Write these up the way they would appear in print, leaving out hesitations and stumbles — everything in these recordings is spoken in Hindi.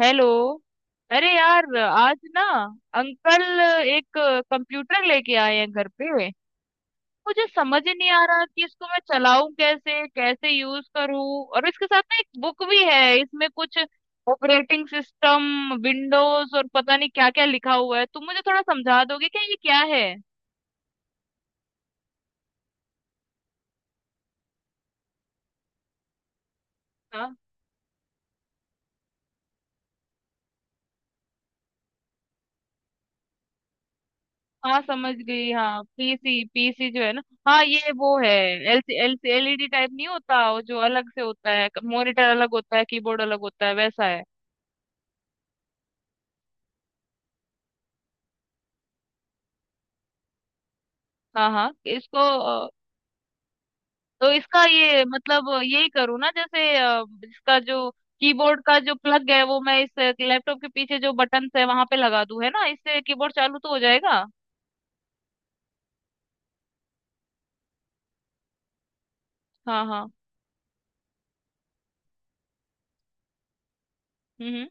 हेलो। अरे यार, आज ना अंकल एक कंप्यूटर लेके आए हैं घर पे। मुझे समझ ही नहीं आ रहा कि इसको मैं चलाऊं कैसे, कैसे यूज करूं। और इसके साथ ना एक बुक भी है, इसमें कुछ ऑपरेटिंग सिस्टम, विंडोज और पता नहीं क्या क्या लिखा हुआ है। तुम मुझे थोड़ा समझा दोगे क्या, ये क्या है? हाँ। हाँ, समझ गई। हाँ, पीसी पीसी जो है ना, हाँ ये वो है। एलसी एलसी एलईडी टाइप नहीं होता वो, जो अलग से होता है। मॉनिटर अलग होता है, कीबोर्ड अलग होता है, वैसा है। हाँ, हाँ, इसको तो इसका ये मतलब यही करूँ ना? जैसे इसका जो कीबोर्ड का जो प्लग है, वो मैं इस लैपटॉप के पीछे जो बटन है वहां पे लगा दूं, है ना? इससे कीबोर्ड चालू तो हो जाएगा। हाँ, हाँ। हम्म,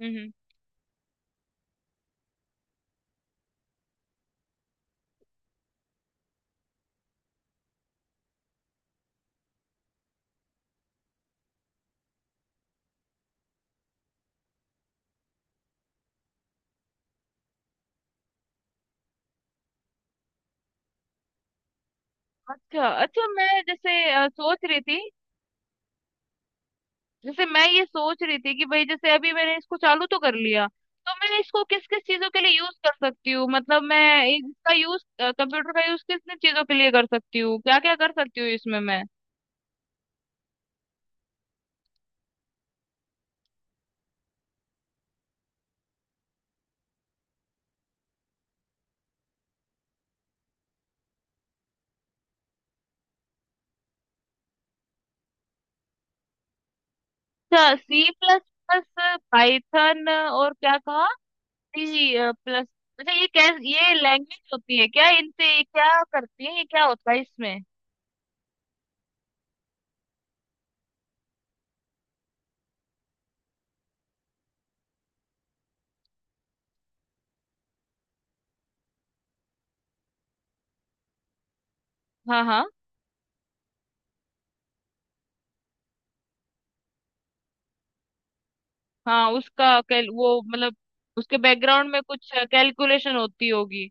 हम्म, अच्छा, अच्छा, मैं जैसे सोच रही थी। जैसे मैं ये सोच रही थी कि भाई, जैसे अभी मैंने इसको चालू तो कर लिया, तो मैं इसको किस किस चीजों के लिए यूज कर सकती हूँ? मतलब मैं इसका यूज, कंप्यूटर का यूज किस किस चीजों के लिए कर सकती हूँ? क्या क्या कर सकती हूँ इसमें मैं? अच्छा, सी प्लस प्लस, पाइथन और क्या कहा? C plus. अच्छा, ये कैसे, ये लैंग्वेज होती है क्या? इनसे ये क्या करती है, ये क्या होता है इसमें? हाँ, हाँ। हाँ, उसका वो मतलब उसके बैकग्राउंड में कुछ कैलकुलेशन होती होगी।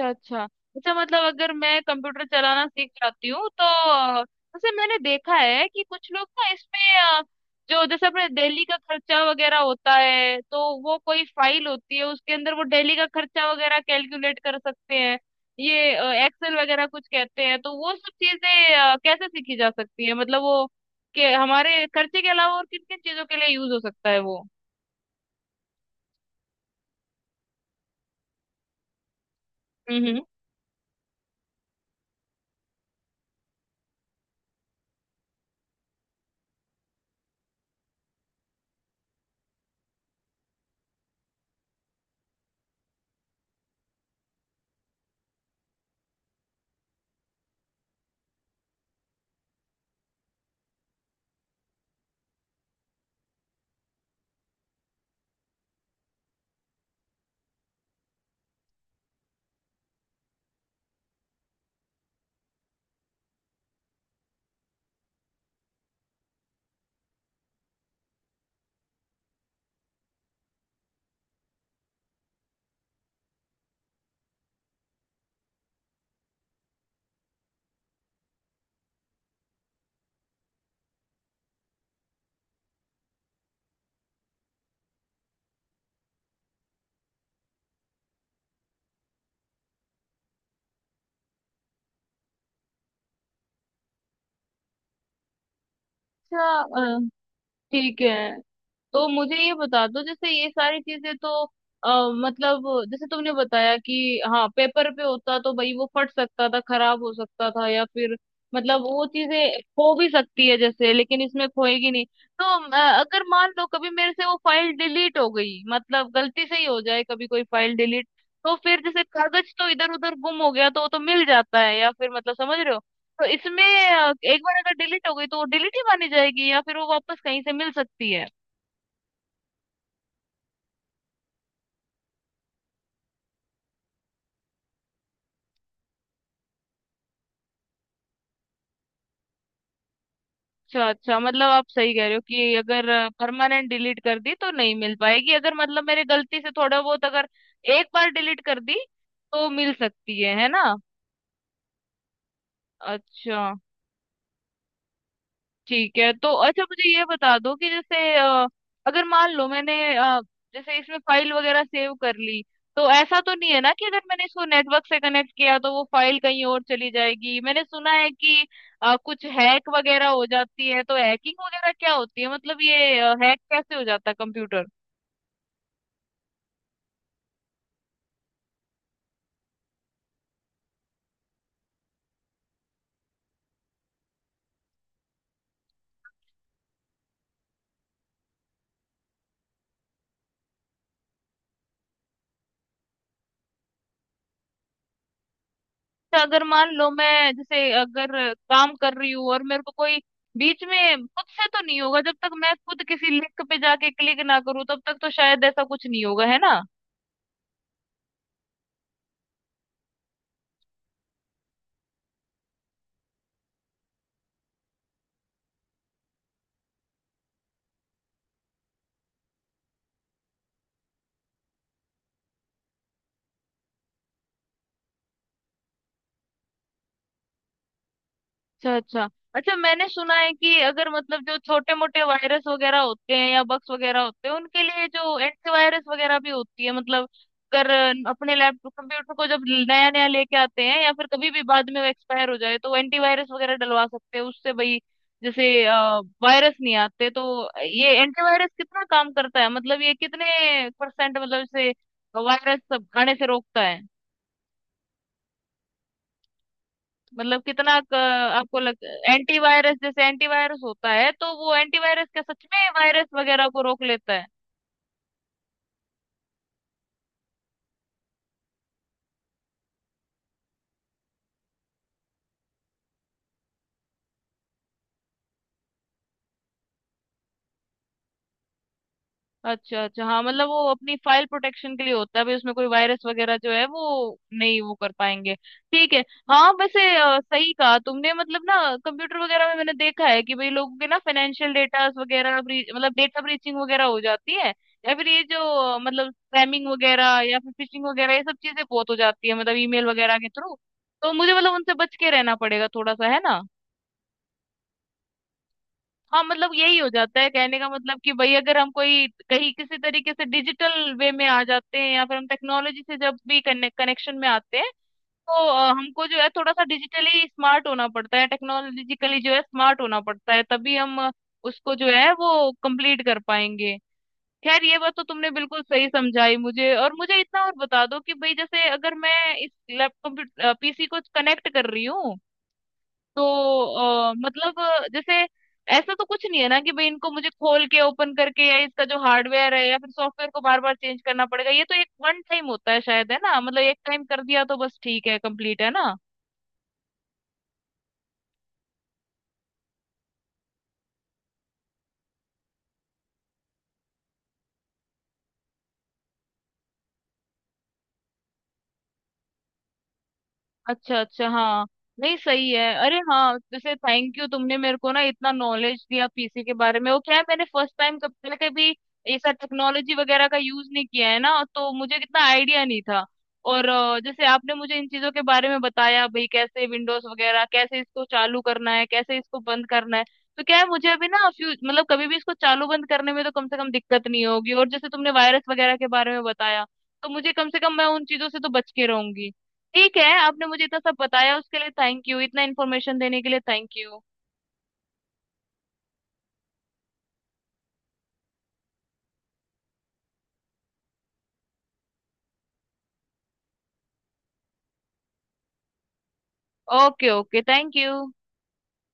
अच्छा, अच्छा। अच्छा, मतलब अगर मैं कंप्यूटर चलाना सीख जाती हूँ तो वैसे मैंने देखा है कि कुछ लोग ना इसमें जो जैसे अपने दिल्ली का खर्चा वगैरह होता है, तो वो कोई फाइल होती है, उसके अंदर वो दिल्ली का खर्चा वगैरह कैलकुलेट कर सकते हैं। ये एक्सेल वगैरह कुछ कहते हैं, तो वो सब चीजें कैसे सीखी जा सकती है? मतलब वो के हमारे खर्चे के अलावा और किन किन चीजों के लिए यूज हो सकता है वो? हम्म, हम्म। अच्छा। अ, ठीक है, तो मुझे ये बता दो, जैसे ये सारी चीजें तो मतलब जैसे तुमने बताया कि हाँ, पेपर पे होता तो भाई वो फट सकता था, खराब हो सकता था, या फिर मतलब वो चीजें खो भी सकती है जैसे, लेकिन इसमें खोएगी नहीं। तो अगर मान लो कभी मेरे से वो फाइल डिलीट हो गई, मतलब गलती से ही हो जाए कभी कोई फाइल डिलीट, तो फिर जैसे कागज तो इधर उधर गुम हो गया तो वो तो मिल जाता है, या फिर मतलब समझ रहे हो, तो इसमें एक बार अगर डिलीट हो गई तो वो डिलीट ही मानी जाएगी, या फिर वो वापस कहीं से मिल सकती है? अच्छा, अच्छा। मतलब आप सही कह रहे हो कि अगर परमानेंट डिलीट कर दी तो नहीं मिल पाएगी, अगर मतलब मेरे गलती से थोड़ा बहुत अगर एक बार डिलीट कर दी तो मिल सकती है ना? अच्छा, ठीक है। तो अच्छा, मुझे ये बता दो कि जैसे अगर मान लो मैंने जैसे इसमें फाइल वगैरह सेव कर ली, तो ऐसा तो नहीं है ना कि अगर मैंने इसको नेटवर्क से कनेक्ट किया तो वो फाइल कहीं और चली जाएगी? मैंने सुना है कि कुछ हैक वगैरह हो जाती है, तो हैकिंग वगैरह क्या होती है? मतलब ये हैक कैसे हो जाता है कंप्यूटर? तो अगर मान लो मैं, जैसे अगर काम कर रही हूँ और मेरे को कोई बीच में, खुद से तो नहीं होगा, जब तक मैं खुद किसी लिंक पे जाके क्लिक ना करूँ तब तक तो शायद ऐसा कुछ नहीं होगा, है ना? अच्छा, अच्छा। अच्छा, मैंने सुना है कि अगर मतलब जो छोटे मोटे वायरस वगैरह होते हैं या बग्स वगैरह होते हैं, उनके लिए जो एंटीवायरस वगैरह भी होती है, मतलब अगर अपने लैपटॉप कंप्यूटर को जब नया नया लेके आते हैं या फिर कभी भी बाद में वो एक्सपायर हो जाए, तो एंटीवायरस वगैरह डलवा सकते हैं, उससे भाई जैसे वायरस नहीं आते। तो ये एंटीवायरस कितना काम करता है? मतलब ये कितने परसेंट मतलब इसे वायरस आने से रोकता है? मतलब कितना आपको लग एंटीवायरस, जैसे एंटीवायरस होता है, तो वो एंटीवायरस क्या सच में वायरस वगैरह को रोक लेता है? अच्छा, अच्छा। हाँ, मतलब वो अपनी फाइल प्रोटेक्शन के लिए होता है, भाई उसमें कोई वायरस वगैरह जो है वो नहीं वो कर पाएंगे, ठीक है। हाँ, वैसे सही कहा तुमने, मतलब ना कंप्यूटर वगैरह में मैंने देखा है कि भाई लोगों के ना फाइनेंशियल डेटा वगैरह मतलब डेटा ब्रीचिंग वगैरह हो जाती है, या फिर ये जो मतलब स्पैमिंग वगैरह या फिर फिशिंग वगैरह, ये सब चीजें बहुत हो जाती है, मतलब ईमेल वगैरह के थ्रू। तो मुझे मतलब उनसे बच के रहना पड़ेगा थोड़ा सा, है ना? हाँ, मतलब यही हो जाता है। कहने का मतलब कि भाई अगर हम कोई कहीं किसी तरीके से डिजिटल वे में आ जाते हैं, या फिर हम टेक्नोलॉजी से जब भी कनेक्शन में आते हैं, तो हमको जो है थोड़ा सा डिजिटली स्मार्ट होना पड़ता है, टेक्नोलॉजिकली जो है स्मार्ट होना पड़ता है, तभी हम उसको जो है वो कंप्लीट कर पाएंगे। खैर, ये बात तो तुमने बिल्कुल सही समझाई मुझे, और मुझे इतना और बता दो कि भाई जैसे अगर मैं इस लैपटॉप पीसी को कनेक्ट कर रही हूँ, तो मतलब जैसे ऐसा तो कुछ नहीं है ना कि भाई इनको मुझे खोल के ओपन करके या इसका जो हार्डवेयर है या फिर सॉफ्टवेयर को बार बार चेंज करना पड़ेगा? ये तो एक वन टाइम होता है शायद, है ना? मतलब एक टाइम कर दिया तो बस ठीक है, कंप्लीट, है ना? अच्छा, अच्छा। हाँ, नहीं सही है। अरे हाँ, जैसे थैंक यू, तुमने मेरे को ना इतना नॉलेज दिया पीसी के बारे में। वो क्या है, मैंने फर्स्ट टाइम, कब पहले कभी ऐसा टेक्नोलॉजी वगैरह का यूज नहीं किया है ना, तो मुझे कितना आइडिया नहीं था। और जैसे आपने मुझे इन चीजों के बारे में बताया, भाई कैसे विंडोज वगैरह, कैसे इसको चालू करना है, कैसे इसको बंद करना है। तो क्या है, मुझे अभी ना फ्यू मतलब कभी भी इसको चालू बंद करने में तो कम से कम दिक्कत नहीं होगी, और जैसे तुमने वायरस वगैरह के बारे में बताया तो मुझे कम से कम मैं उन चीजों से तो बच के रहूंगी। ठीक है, आपने मुझे इतना सब बताया उसके लिए थैंक यू, इतना इन्फॉर्मेशन देने के लिए thank you. Okay, okay, thank you.